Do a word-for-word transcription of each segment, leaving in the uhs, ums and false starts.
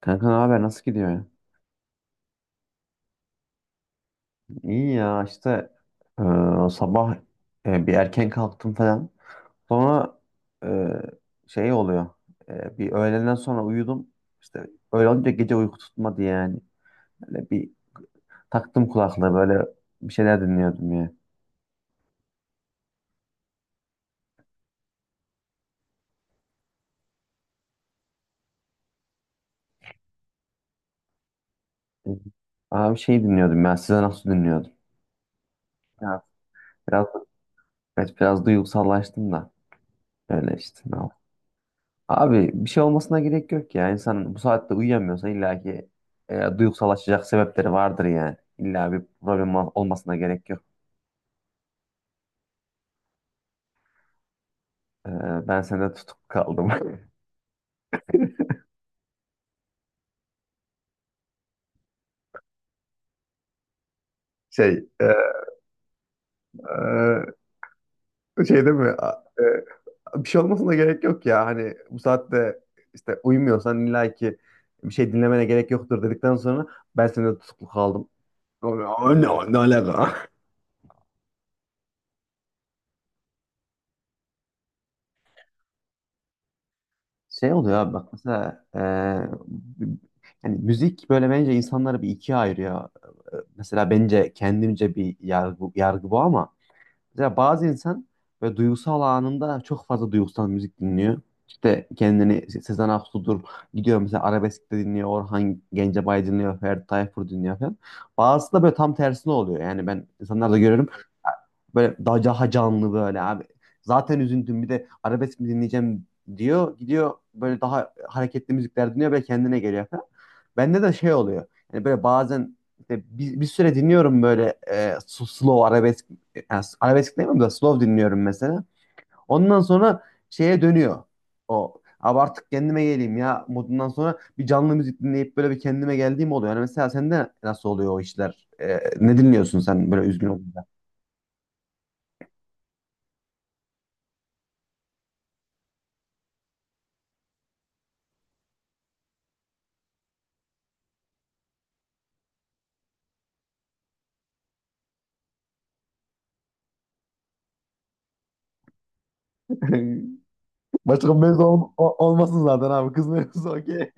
Kanka ne haber? Nasıl gidiyor, ya? İyi ya işte, e, sabah e, bir erken kalktım falan. Sonra, e, şey oluyor. E, bir öğleden sonra uyudum. İşte öyle olunca gece uyku tutmadı yani. Böyle bir taktım kulaklığı, böyle bir şeyler dinliyordum ya. Aa, bir şey dinliyordum ya. Size nasıl dinliyordum? Ya. Biraz, evet, biraz duygusallaştım da. Öyle işte. Ne Abi bir şey olmasına gerek yok ya. İnsan bu saatte uyuyamıyorsa illa ki e, duygusallaşacak sebepleri vardır yani. İlla bir problem ol- olmasına gerek yok. E, Ben sende tutuk kaldım. Şey, e, e, Şey değil mi? A- e, bir şey olmasına gerek yok ya. Hani bu saatte işte uyumuyorsan illa ki bir şey dinlemene gerek yoktur dedikten sonra ben sende tutuklu kaldım. Abi, abi, Ne, ne alaka? Şey oluyor abi bak mesela, e, yani müzik böyle bence insanları bir ikiye ayırıyor. E, Mesela bence kendimce bir yargı, yargı bu ama mesela bazı insan böyle duygusal anında çok fazla duygusal müzik dinliyor. İşte kendini Se- Sezen Aksu'dur gidiyor, mesela arabesk de dinliyor, Orhan Gencebay dinliyor, Ferdi Tayfur dinliyor falan. Bazısı da böyle tam tersine oluyor. Yani ben insanlarda görüyorum, böyle daha, daha canlı böyle abi. Zaten üzüntüm bir de arabesk mi dinleyeceğim diyor. Gidiyor böyle daha hareketli müzikler dinliyor, böyle kendine geliyor falan. Bende de şey oluyor. Yani böyle bazen işte bir, bir süre dinliyorum böyle, e, su- slow arabesk. Yani arabesk demiyorum da slow dinliyorum mesela. Ondan sonra şeye dönüyor. O abi artık kendime geleyim ya modundan sonra bir canlı müzik dinleyip böyle bir kendime geldiğim oluyor. Yani mesela sende nasıl oluyor o işler? E, ne dinliyorsun sen böyle üzgün olduğunda? Başka mevzu ol- o- olmasın zaten abi. Kız mevzusu okey.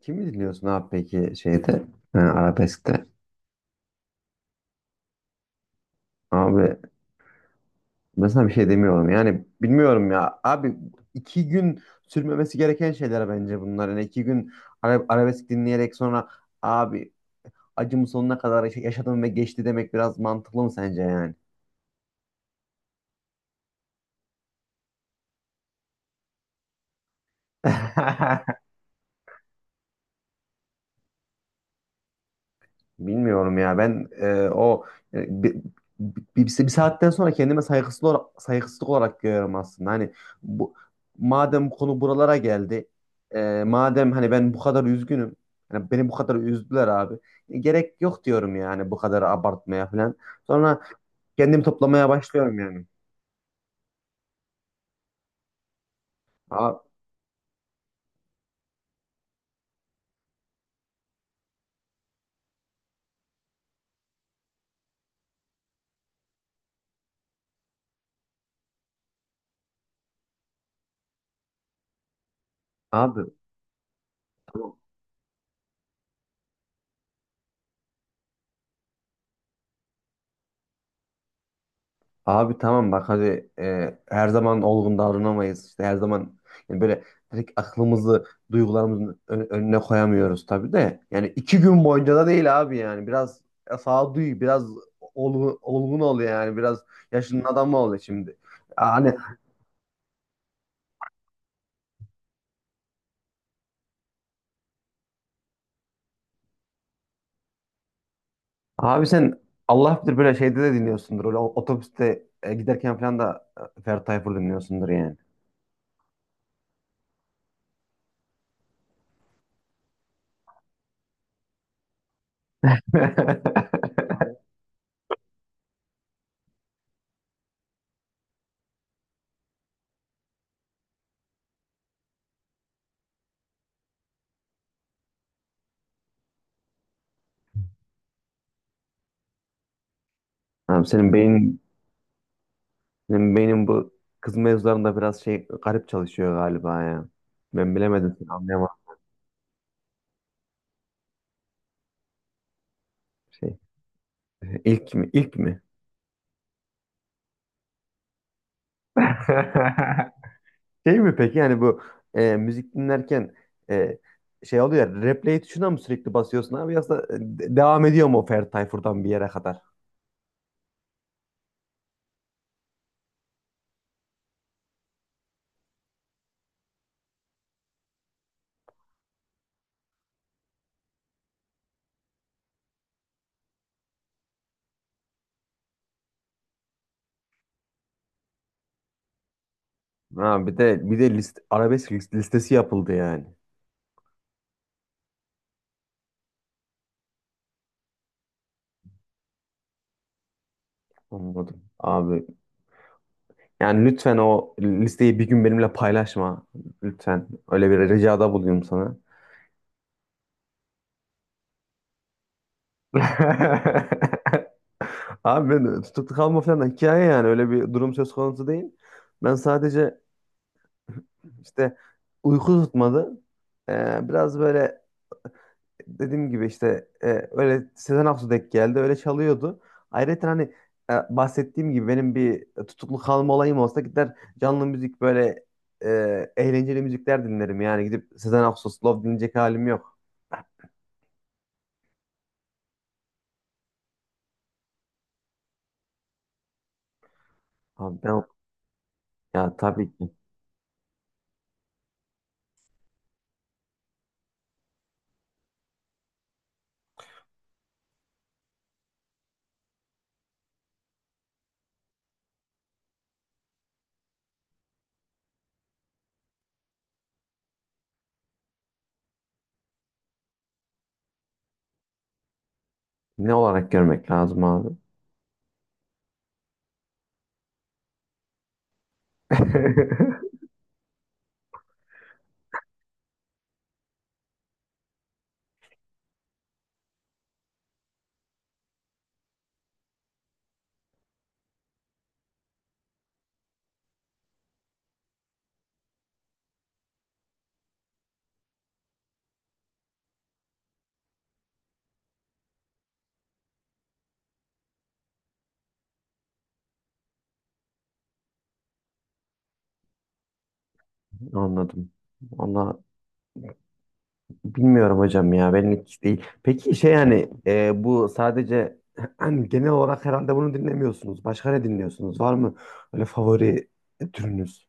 Kimi dinliyorsun abi peki şeyde, e, arabeskte? Abi ben sana bir şey demiyorum yani, bilmiyorum ya abi, iki gün sürmemesi gereken şeyler bence bunlar yani. İki gün ara- arabesk dinleyerek sonra abi acımı sonuna kadar yaşadım ve geçti demek biraz mantıklı mı sence yani? Bilmiyorum ya ben, e, o e, bi- bi- bir, bir saatten sonra kendime saygısızlık olarak, saygısızlık olarak görüyorum aslında. Hani bu, madem bu konu buralara geldi, e, madem hani ben bu kadar üzgünüm, hani beni bu kadar üzdüler abi. E, Gerek yok diyorum yani bu kadar abartmaya falan. Sonra kendimi toplamaya başlıyorum yani. Abi, abi tamam. Abi tamam bak, hadi, e, her zaman olgun davranamayız. İşte her zaman yani böyle direkt aklımızı duygularımızın ön- önüne koyamıyoruz tabii de. Yani iki gün boyunca da değil abi yani. Biraz sağduyu, biraz olgun, olgun ol yani. Biraz yaşının adamı ol şimdi. Hani abi sen Allah bilir böyle şeyde de dinliyorsundur. Öyle otobüste e, giderken falan da e, Ferdi Tayfur dinliyorsundur yani. Abi senin beynin, benim beynim bu kız mevzularında biraz şey, garip çalışıyor galiba ya. Ben bilemedim, seni anlayamadım şey. İlk mi? İlk mi? Şey mi peki yani bu, e, müzik dinlerken e, şey oluyor ya, replay tuşuna mı sürekli basıyorsun abi, yoksa e, de- devam ediyor mu o Ferdi Tayfur'dan bir yere kadar? Ha, bir de bir de list, arabesk list- listesi yapıldı yani. Anladım. Abi yani lütfen o listeyi bir gün benimle paylaşma. Lütfen. Öyle bir ricada buluyorum sana. Abi ben tutuklu kalma falan da hikaye, yani öyle bir durum söz konusu değil. Ben sadece işte uyku tutmadı. Ee, biraz böyle, dediğim gibi işte, e, öyle Sezen Aksu denk geldi, öyle çalıyordu. Ayrıca hani, e, bahsettiğim gibi benim bir tutuklu kalma olayım olsa gider canlı müzik, böyle e, eğlenceli müzikler dinlerim. Yani gidip Sezen Aksu Slow dinleyecek halim yok. Abi ben, ya tabii ki ne olarak görmek lazım abi. Anladım. Valla bilmiyorum hocam ya, benlik hiç değil. Peki şey yani, e, bu sadece, hani genel olarak herhalde bunu dinlemiyorsunuz. Başka ne dinliyorsunuz? Var mı öyle favori türünüz?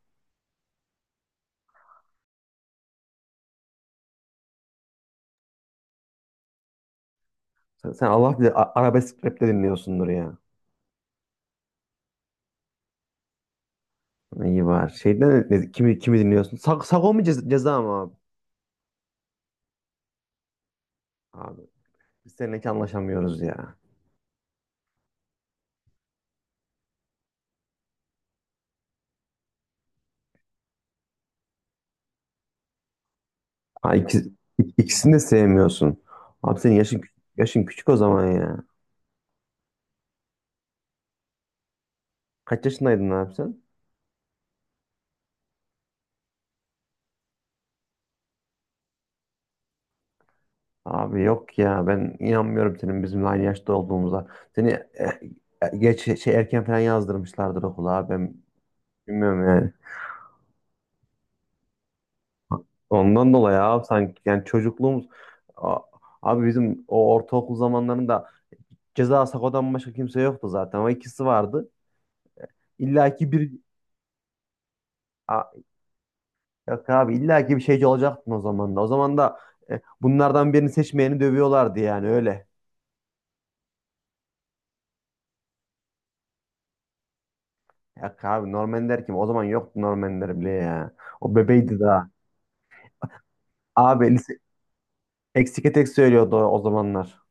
Sen, sen Allah bilir, a- arabesk rap de dinliyorsundur ya. İyi var. Şeyden ne- kimi kimi dinliyorsun? Sag, Sago mu, ceza, ceza mı abi? Abi biz seninle hiç anlaşamıyoruz ya. Ha, iki- ikisini de sevmiyorsun. Abi senin yaşın yaşın küçük o zaman ya. Kaç yaşındaydın abi sen? Abi yok ya, ben inanmıyorum senin bizimle aynı yaşta olduğumuza. Seni eh, eh, geç şey, erken falan yazdırmışlardır okula abi, ben bilmiyorum yani. Ondan dolayı abi sanki yani çocukluğumuz, A- abi bizim o ortaokul zamanlarında ceza Sako'dan başka kimse yoktu zaten, ama ikisi vardı. İlla ki bir, A- yok abi, illa ki bir şeyci olacaktın o zaman da. O zaman da eh, bunlardan birini seçmeyeni dövüyorlardı yani öyle. Yok abi Norman der kim? O zaman yoktu Normanler bile ya. O bebeydi daha. Abi Eksike tek söylüyordu o zamanlar.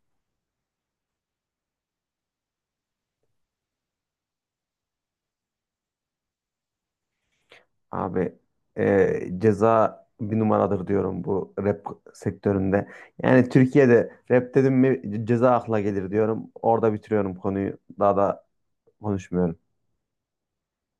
Abi, e, ceza bir numaradır diyorum bu rap sektöründe. Yani Türkiye'de rap dedim mi ceza akla gelir diyorum. Orada bitiriyorum konuyu. Daha da konuşmuyorum.